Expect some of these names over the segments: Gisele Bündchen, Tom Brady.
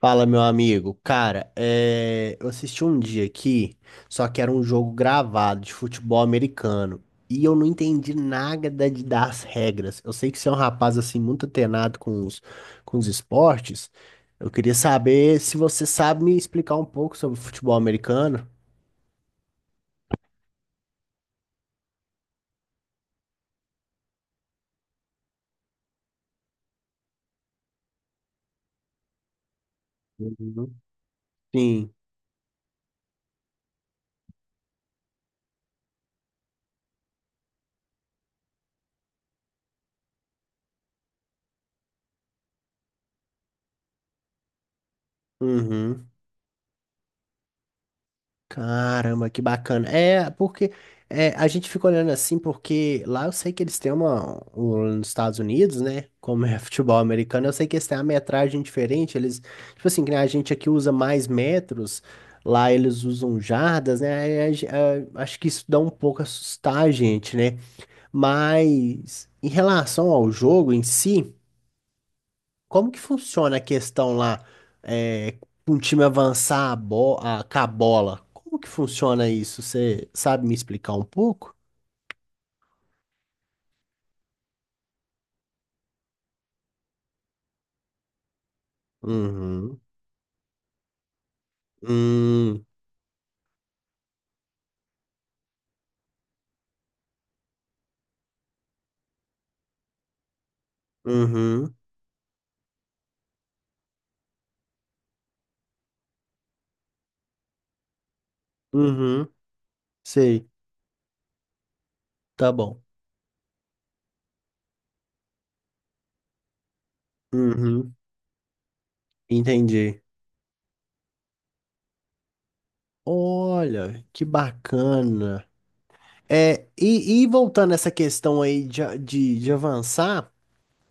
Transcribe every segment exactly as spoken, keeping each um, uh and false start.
Fala, meu amigo. Cara, é, eu assisti um dia aqui, só que era um jogo gravado de futebol americano. E eu não entendi nada de- das regras. Eu sei que você é um rapaz assim muito antenado com os, com os esportes. Eu queria saber se você sabe me explicar um pouco sobre futebol americano. Uhum. Sim. Uhum. Caramba, que bacana. É, porque é, a gente fica olhando assim, porque lá eu sei que eles têm uma. o- Nos Estados Unidos, né? Como é futebol americano, eu sei que eles têm uma metragem diferente. Eles, tipo assim, que nem a gente aqui usa mais metros, lá eles usam jardas, né? Aí a ge- a- acho que isso dá um pouco assustar a gente, né? Mas em relação ao jogo em si. Como que funciona a questão lá, é, um time avançar a, bo a, com a bola? Como que funciona isso? Você sabe me explicar um pouco? Uhum. Hum, uhum. Uhum. Sei. Tá bom. Uhum. Entendi. Olha, que bacana. É, e, e voltando a essa questão aí de, a- de, de avançar.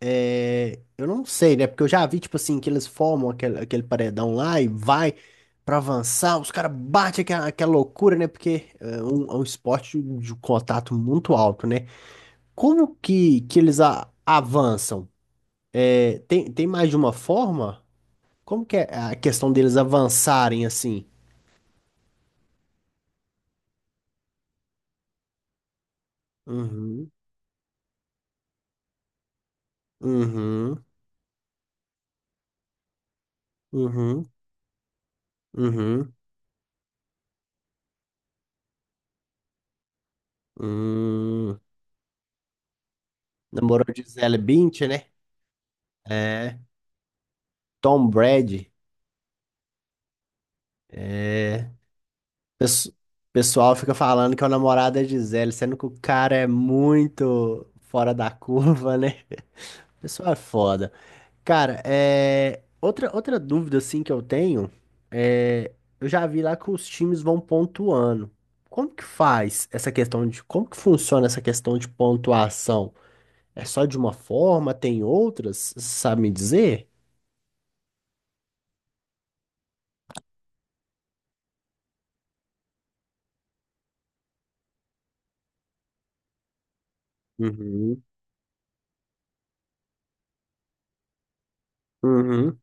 É, eu não sei, né? Porque eu já vi, tipo assim, que eles formam aquele, aquele paredão lá e vai pra avançar, os caras batem aquela, aquela loucura, né? Porque é um, é um esporte de contato muito alto, né? Como que, que eles a- avançam? É, tem, tem mais de uma forma? Como que é a questão deles avançarem assim? Uhum, uhum, uhum, uhum, hum. Namorou de Gisele Bündchen, né? É, Tom Brady. É. Pesso- pessoal fica falando que é o namorado é Gisele, sendo que o cara é muito fora da curva, né? O pessoal é foda. Cara, é... outra, outra dúvida assim que eu tenho é. Eu já vi lá que os times vão pontuando. Como que faz essa questão de. Como que funciona essa questão de pontuação? É só de uma forma? Tem outras? Você sabe me dizer? Uhum. Uhum.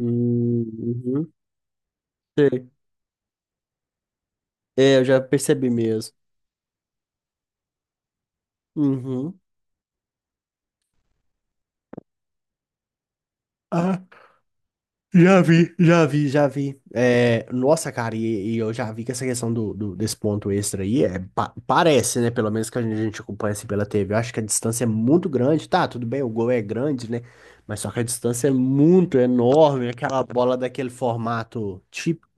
Uhum. Sei. É, eu já percebi mesmo. Uhum. Ah. Já vi, já vi, já vi. É, nossa, cara, e, e eu já vi que essa questão do, do- desse ponto extra aí é, pa- parece, né? Pelo menos que a gente, a gente acompanha assim pela T V. Eu acho que a distância é muito grande, tá? Tudo bem, o gol é grande, né? Mas só que a distância é muito enorme. Aquela bola daquele formato típico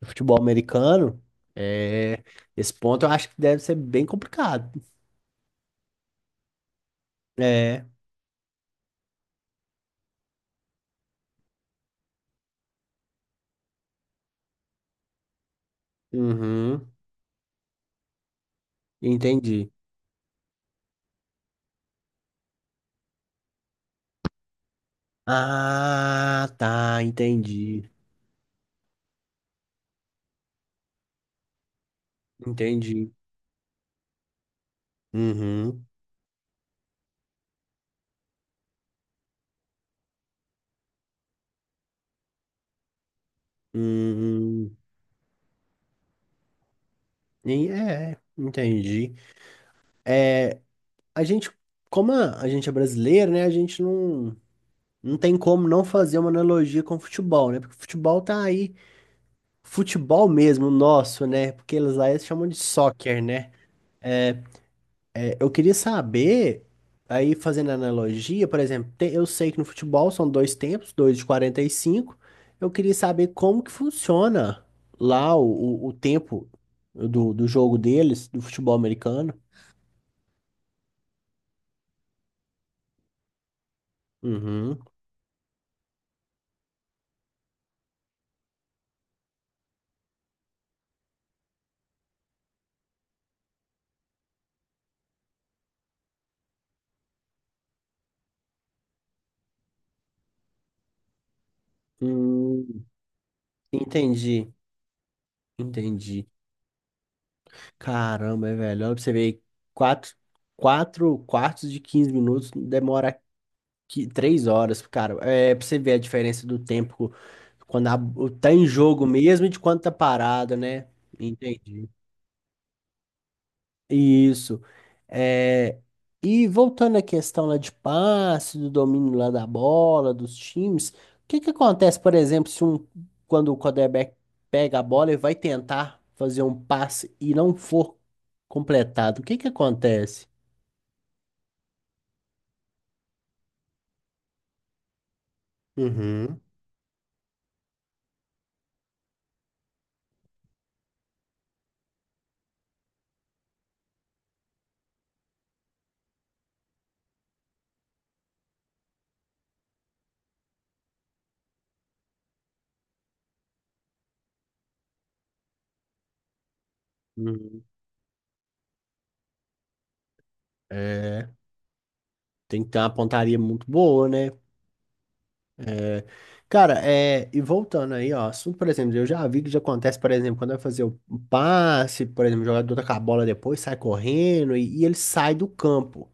do futebol americano. É, esse ponto eu acho que deve ser bem complicado. É, uhum, entendi. Ah, tá, entendi, entendi. Uhum. Hum, e é, entendi. A gente, como a, a gente é brasileiro, né? A gente não, não tem como não fazer uma analogia com o futebol, né? Porque o futebol tá aí, futebol mesmo, nosso, né? Porque eles lá eles chamam de soccer, né? É, eu queria saber, aí fazendo analogia, por exemplo, te- eu sei que no futebol são dois tempos, dois de quarenta e cinco. Eu queria saber como que funciona lá o, o, o tempo do, do jogo deles, do futebol americano. Uhum. Hum, entendi, entendi. Caramba, é velho. Olha pra você ver, quatro, quatro quartos de quinze minutos demora que três horas, cara. É pra você ver a diferença do tempo quando a- tá em jogo mesmo e de quando tá parado, né? Entendi. Isso. É, e voltando à questão lá de passe, do domínio lá da bola, dos times, o que que acontece, por exemplo, se um, quando o quarterback pega a bola e vai tentar fazer um passe e não for completado, o que que acontece? Uhum, uhum. É, tem que ter uma pontaria muito boa, né? Cara, é, e voltando aí, ó, assunto, por exemplo, eu já vi que já acontece, por exemplo, quando vai fazer o o passe, por exemplo, o jogador tá com a bola depois, sai correndo e, e ele sai do campo.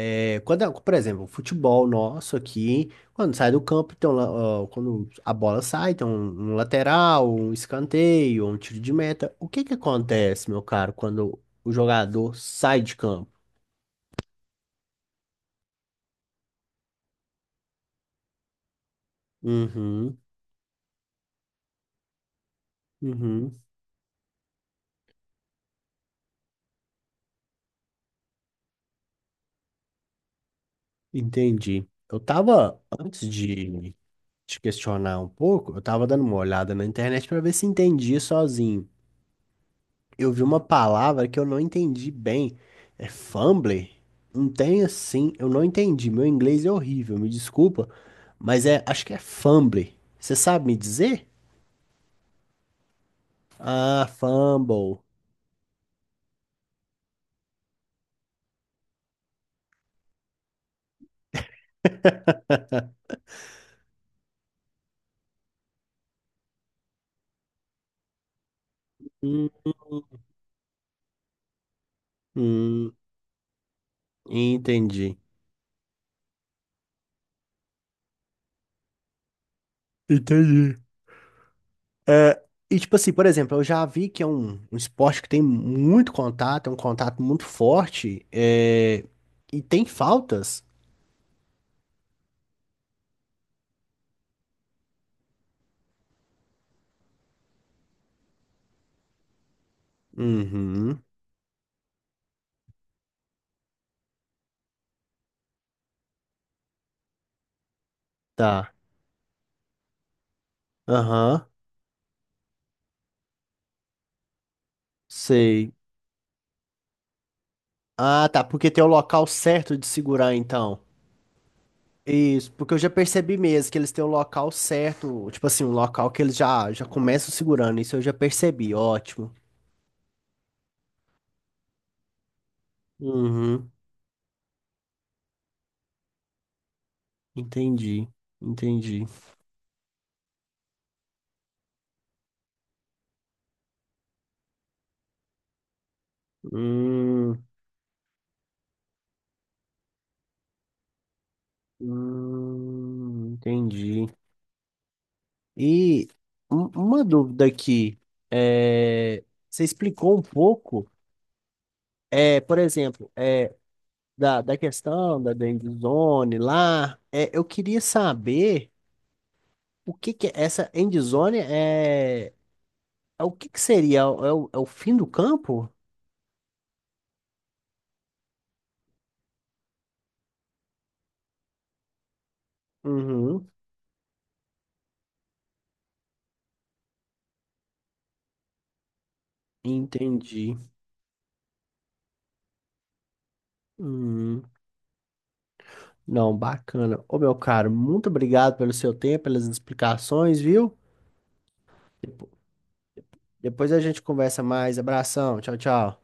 É, quando, é, por exemplo, o futebol nosso aqui, quando sai do campo, tem um la- ó, quando a bola sai, tem um, um lateral, um escanteio, um tiro de meta. O que que acontece, meu caro, quando o jogador sai de campo? Uhum, uhum, entendi. Eu tava antes de te questionar um pouco, eu tava dando uma olhada na internet pra ver se entendia sozinho. Eu vi uma palavra que eu não entendi bem. É fumble. Não tem assim, eu não entendi. Meu inglês é horrível, me desculpa, mas é, acho que é fumble. Você sabe me dizer? Ah, fumble. Hum, hum, entendi. Entendi. É, e tipo assim, por exemplo, eu já vi que é um, um esporte que tem muito contato, é um contato muito forte, é, e tem faltas. Uhum. Tá. Aham. Sei. Ah, tá. Porque tem o local certo de segurar, então. Isso, porque eu já percebi mesmo que eles têm o local certo, tipo assim, um local que eles já, já começam segurando. Isso eu já percebi, ótimo. Uhum, entendi, entendi. Hum, hum, entendi. E um- uma dúvida aqui, é, você explicou um pouco, é, por exemplo, eh, da, da questão da da endzone lá, é, eu queria saber o que que é- essa endzone é, é o que que seria? É, o, é o é o fim do campo? Uhum, entendi. Hum, não, bacana. Ô, meu caro, muito obrigado pelo seu tempo, pelas explicações, viu? Depo- Depois a gente conversa mais. Abração, tchau, tchau.